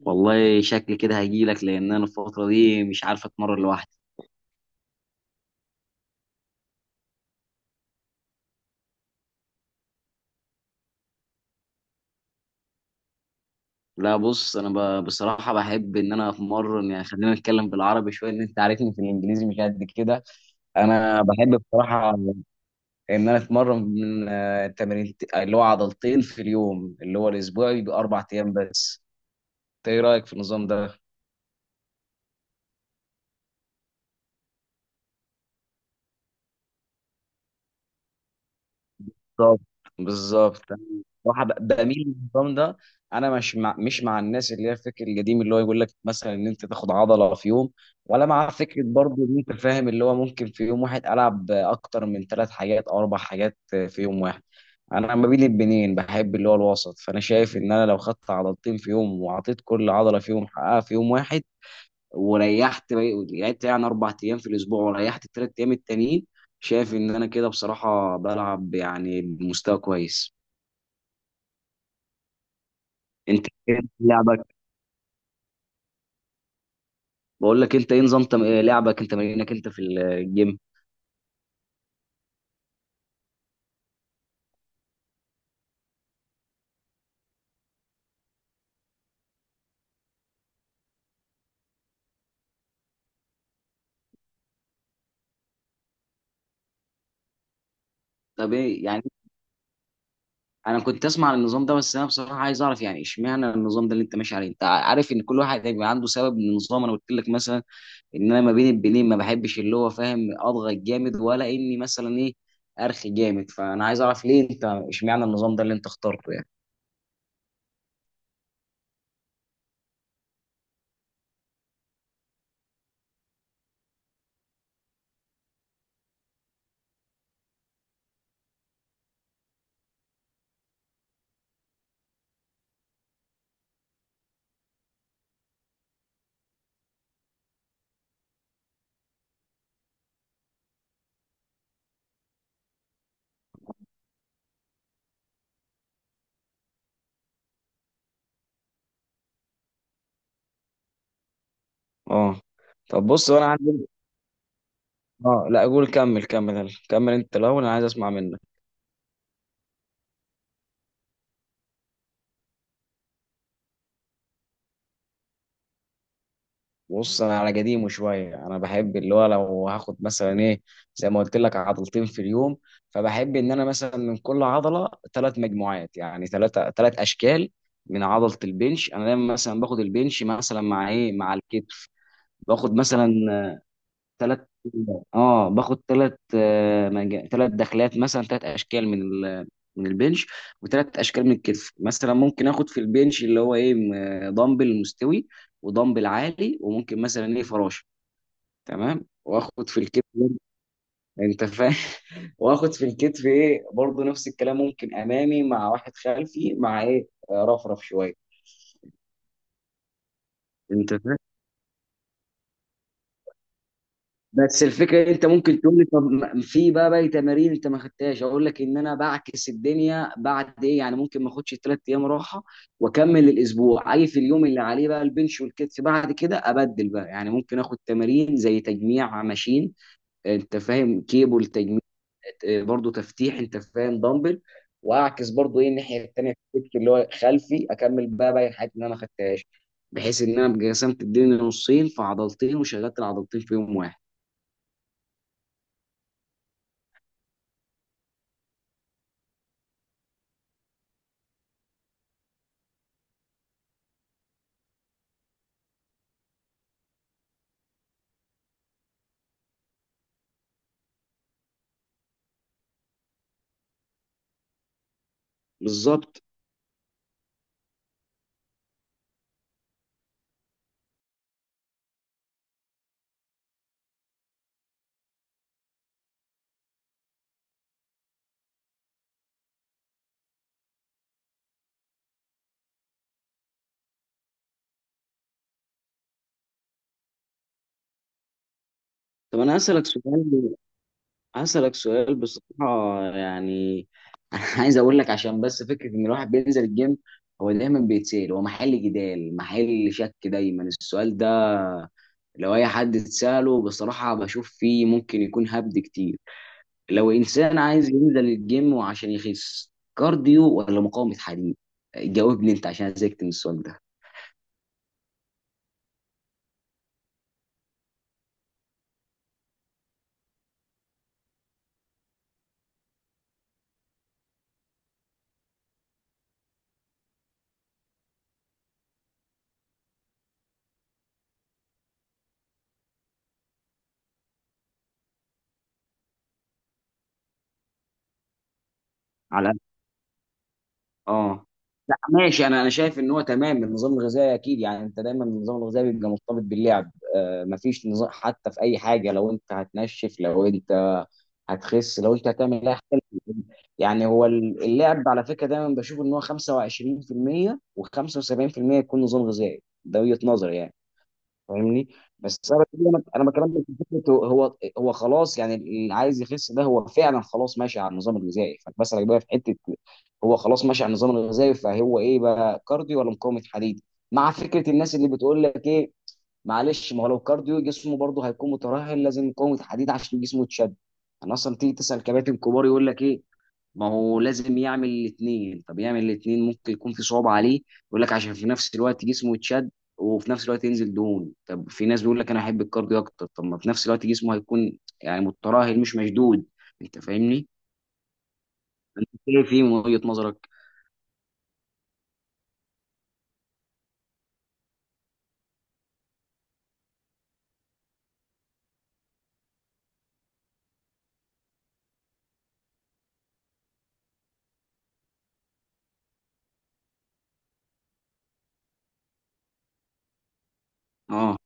والله شكلي كده هجيلك لان انا الفتره دي مش عارف اتمرن لوحدي. لا بص انا بصراحه بحب ان انا اتمرن، يعني خلينا نتكلم بالعربي شويه، ان انت عارفني في الانجليزي مش قد كده. انا بحب بصراحه ان انا اتمرن من تمرين اللي هو عضلتين في اليوم، اللي هو الاسبوع بيبقى اربع ايام بس. إنت ايه رايك في النظام ده؟ بالظبط، بالظبط. صراحه بميل للنظام ده. انا مش مع الناس اللي هي الفكر القديم اللي هو يقول لك مثلا ان انت تاخد عضله في يوم، ولا مع فكره برضو ان انت فاهم اللي هو ممكن في يوم واحد العب اكتر من ثلاث حاجات او اربع حاجات في يوم واحد. انا ما بين البنين بحب اللي هو الوسط، فانا شايف ان انا لو خدت عضلتين في يوم وعطيت كل عضله فيهم حقها في يوم واحد وريحت لعبت يعني اربع ايام في الاسبوع وريحت الثلاث ايام التانيين. شايف ان انا كده بصراحه بلعب يعني بمستوى كويس. انت إيه لعبك؟ بقول لك انت ايه إيه لعبك، انت تمرينك انت في الجيم؟ طب ايه يعني، انا كنت اسمع عن النظام ده، بس انا بصراحه عايز اعرف يعني اشمعنى النظام ده اللي انت ماشي عليه. انت عارف ان كل واحد هيبقى عنده سبب من النظام. انا قلت لك مثلا ان انا ما بين البنين ما بحبش اللي هو فاهم اضغط جامد، ولا اني مثلا ايه، ارخي جامد، فانا عايز اعرف ليه انت اشمعنى النظام ده اللي انت اخترته يعني. اه. طب بص انا عندي. اه لا قول كمل كمل يلا. كمل انت الاول، انا عايز اسمع منك. بص انا على قديمه شويه، انا بحب اللي هو لو هاخد مثلا ايه، زي ما قلت لك عضلتين في اليوم، فبحب ان انا مثلا من كل عضله ثلاث مجموعات، يعني ثلاثه ثلاث اشكال. من عضله البنش انا دايما مثلا باخد البنش مثلا مع ايه، مع الكتف. باخد مثلا ثلاث، اه باخد ثلاث، ثلاث دخلات مثلا، ثلاث اشكال من البنش، وثلاث اشكال من الكتف. مثلا ممكن اخد في البنش اللي هو ايه، دمبل مستوي ودمبل عالي، وممكن مثلا ايه فراشه. تمام، واخد في الكتف برضه، انت فاهم، واخد في الكتف ايه برضه نفس الكلام، ممكن امامي مع واحد خلفي مع ايه، رفرف شويه، انت فاهم. بس الفكره، انت ممكن تقول لي طب في بقى باقي تمارين انت ما خدتهاش. اقول لك ان انا بعكس الدنيا بعد ايه، يعني ممكن ما اخدش ثلاث ايام راحه واكمل الاسبوع، اجي في اليوم اللي عليه بقى البنش والكتف بعد كده ابدل بقى. يعني ممكن اخد تمارين زي تجميع ماشين، انت فاهم، كيبل تجميع، اه، برضو تفتيح، انت فاهم، دمبل. واعكس برضو ايه الناحيه التانيه في الكتف اللي هو خلفي، اكمل بقى باقي الحاجات اللي انا ما خدتهاش، بحيث ان انا أبقى قسمت الدنيا نصين فعضلتين وشغلت العضلتين في يوم واحد. بالظبط. طب انا هسألك سؤال، هسألك سؤال بصراحة يعني. عايز اقول لك، عشان بس فكرة ان الواحد بينزل الجيم هو دايما بيتسأل، هو محل جدال محل شك دايما السؤال ده، لو اي حد اتسأله بصراحة بشوف فيه ممكن يكون هبد كتير. لو انسان عايز ينزل الجيم وعشان يخس، كارديو ولا مقاومة حديد؟ جاوبني انت عشان زهقت من السؤال ده. اه لا ماشي. انا انا شايف ان هو تمام، النظام الغذائي اكيد يعني، انت دايما النظام الغذائي بيبقى مرتبط باللعب. مفيش نظام حتى في اي حاجه، لو انت هتنشف لو انت هتخس لو انت هتعمل اي حاجه. يعني هو اللعب على فكره دايما بشوف ان هو 25% و75% يكون نظام غذائي، ده وجهه نظري يعني. فاهمني، انا أنا بكلمك في فكره، هو خلاص يعني اللي عايز يخس ده هو فعلا خلاص ماشي على النظام الغذائي، فبسألك بقى في حته، هو خلاص ماشي على النظام الغذائي، فهو ايه بقى، كارديو ولا مقاومه حديد؟ مع فكره الناس اللي بتقول لك ايه، معلش ما هو لو كارديو جسمه برضه هيكون مترهل، لازم مقاومه حديد عشان جسمه يتشد. انا اصلا تيجي تسأل كباتن كبار يقول لك ايه، ما هو لازم يعمل الاثنين. طب يعمل الاثنين ممكن يكون في صعوبة عليه. يقول لك عشان في نفس الوقت جسمه يتشد وفي نفس الوقت ينزل دهون. طب في ناس بيقول لك انا احب الكارديو اكتر، طب ما في نفس الوقت جسمه هيكون يعني متراهل مش مشدود. انت فاهمني؟ شايف ايه في من وجهة نظرك؟ اه.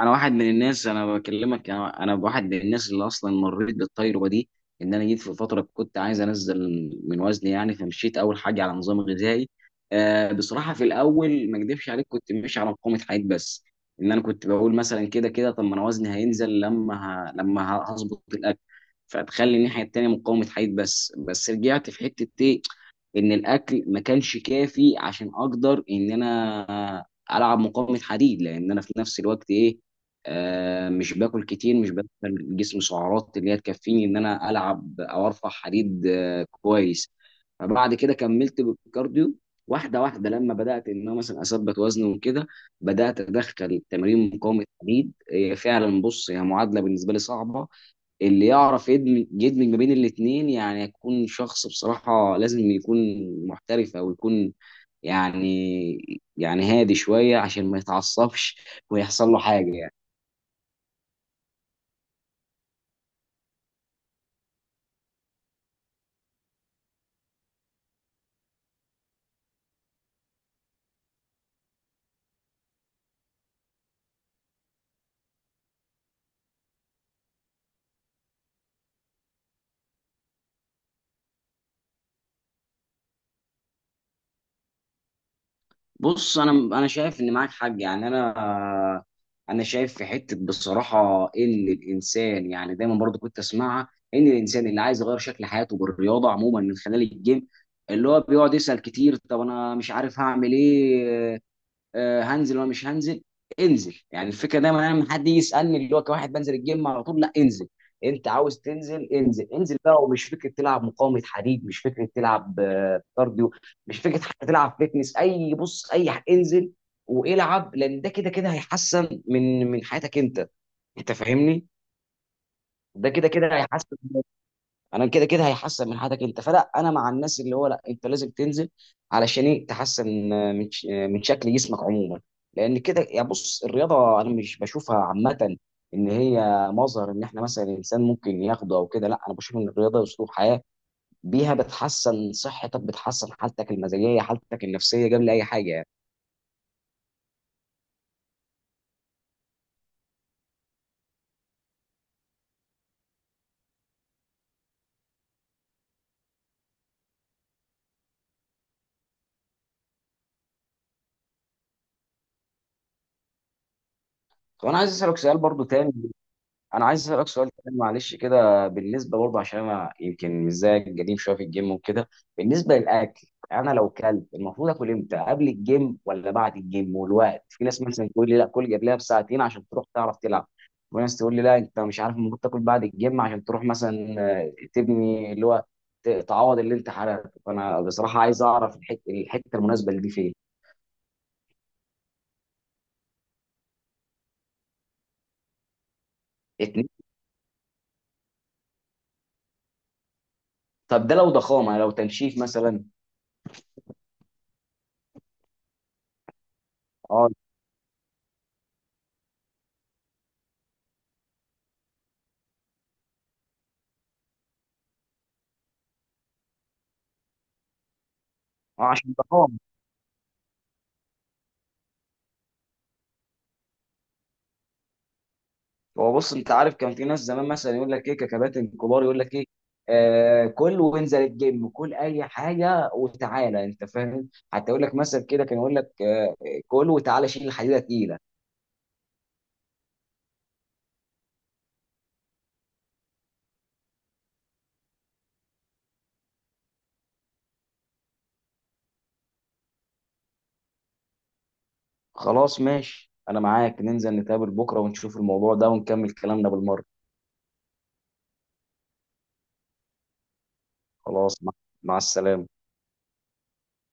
انا واحد من الناس، انا بكلمك، انا واحد من الناس اللي اصلا مريت بالتجربه دي. ان انا جيت في فتره كنت عايز انزل من وزني، يعني فمشيت اول حاجه على نظام غذائي. بصراحه في الاول ما اكدبش عليك كنت ماشي على مقاومه حياه بس، ان انا كنت بقول مثلا كده كده طب ما انا وزني هينزل لما لما هظبط الاكل، فتخلي الناحيه التانيه مقاومه حياه بس. بس رجعت في حته ايه، ان الاكل ما كانش كافي عشان اقدر ان انا العب مقاومه حديد، لان انا في نفس الوقت ايه، مش باكل كتير، مش بدخل جسم سعرات اللي هي تكفيني ان انا العب او ارفع حديد. كويس. فبعد كده كملت بالكارديو واحده واحده، لما بدات ان انا مثلا اثبت وزني وكده، بدات ادخل تمارين مقاومه حديد. هي فعلا بص هي معادله بالنسبه لي صعبه، اللي يعرف يدمج يدمج ما بين الاثنين. يعني يكون شخص بصراحة لازم يكون محترف، او يكون يعني هادي شوية عشان ما يتعصبش ويحصل له حاجة يعني. بص انا شايف ان معاك حق، يعني انا شايف في حتة بصراحة ان الانسان يعني دايما برضو كنت اسمعها، ان الانسان اللي عايز يغير شكل حياته بالرياضة عموما من خلال الجيم، اللي هو بيقعد يسأل كتير طب انا مش عارف هعمل ايه، هنزل ولا مش هنزل؟ انزل، يعني الفكره دايما انا لما حد يجي يسالني اللي هو كواحد بنزل الجيم على طول، لا انزل. انت عاوز تنزل انزل، انزل بقى، ومش فكره تلعب مقاومه حديد، مش فكره تلعب كارديو، مش فكره حتى تلعب فيتنس، اي بص اي انزل والعب، لان ده كده كده هيحسن من حياتك انت. انت فاهمني؟ ده كده كده هيحسن، انا كده كده هيحسن من حياتك انت. فلا انا مع الناس اللي هو لا انت لازم تنزل، علشان ايه، تحسن من من شكل جسمك عموما. لان كده يا بص الرياضه انا مش بشوفها عامه ان هي مظهر ان احنا مثلا الانسان ممكن ياخده او كده، لا انا بشوف ان الرياضه اسلوب حياه، بيها بتحسن صحتك، بتحسن حالتك المزاجيه، حالتك النفسيه قبل اي حاجه يعني. طب انا عايز اسالك سؤال برضو تاني، انا عايز اسالك سؤال كمان معلش كده، بالنسبه برضه عشان انا يمكن مش زيك قديم شويه في الجيم وكده، بالنسبه للاكل، انا لو كلت المفروض اكل امتى، قبل الجيم ولا بعد الجيم؟ والوقت، في ناس مثلا تقول لي لا كل قبلها بساعتين عشان تروح تعرف تلعب، وناس تقول لي لا انت مش عارف المفروض تاكل بعد الجيم عشان تروح مثلا تبني اللي هو تعوض اللي انت حرقته. فانا بصراحه عايز اعرف الحته، الحته المناسبه اللي دي فين. اتنين. طب ده لو ضخامه، لو تنشيف مثلا؟ اه. عشان ضخامه. هو بص انت عارف كان في ناس زمان مثلا يقول لك ايه، ككباتن كبار يقول لك ايه، كل وانزل الجيم، كل اي حاجه وتعالى، انت فاهم. حتى يقول لك مثلا كده، كان يقول لك كل وتعالى شيل الحديده تقيله. خلاص ماشي انا معاك، ننزل نتقابل بكره ونشوف الموضوع ده ونكمل كلامنا بالمره. خلاص، مع السلامه.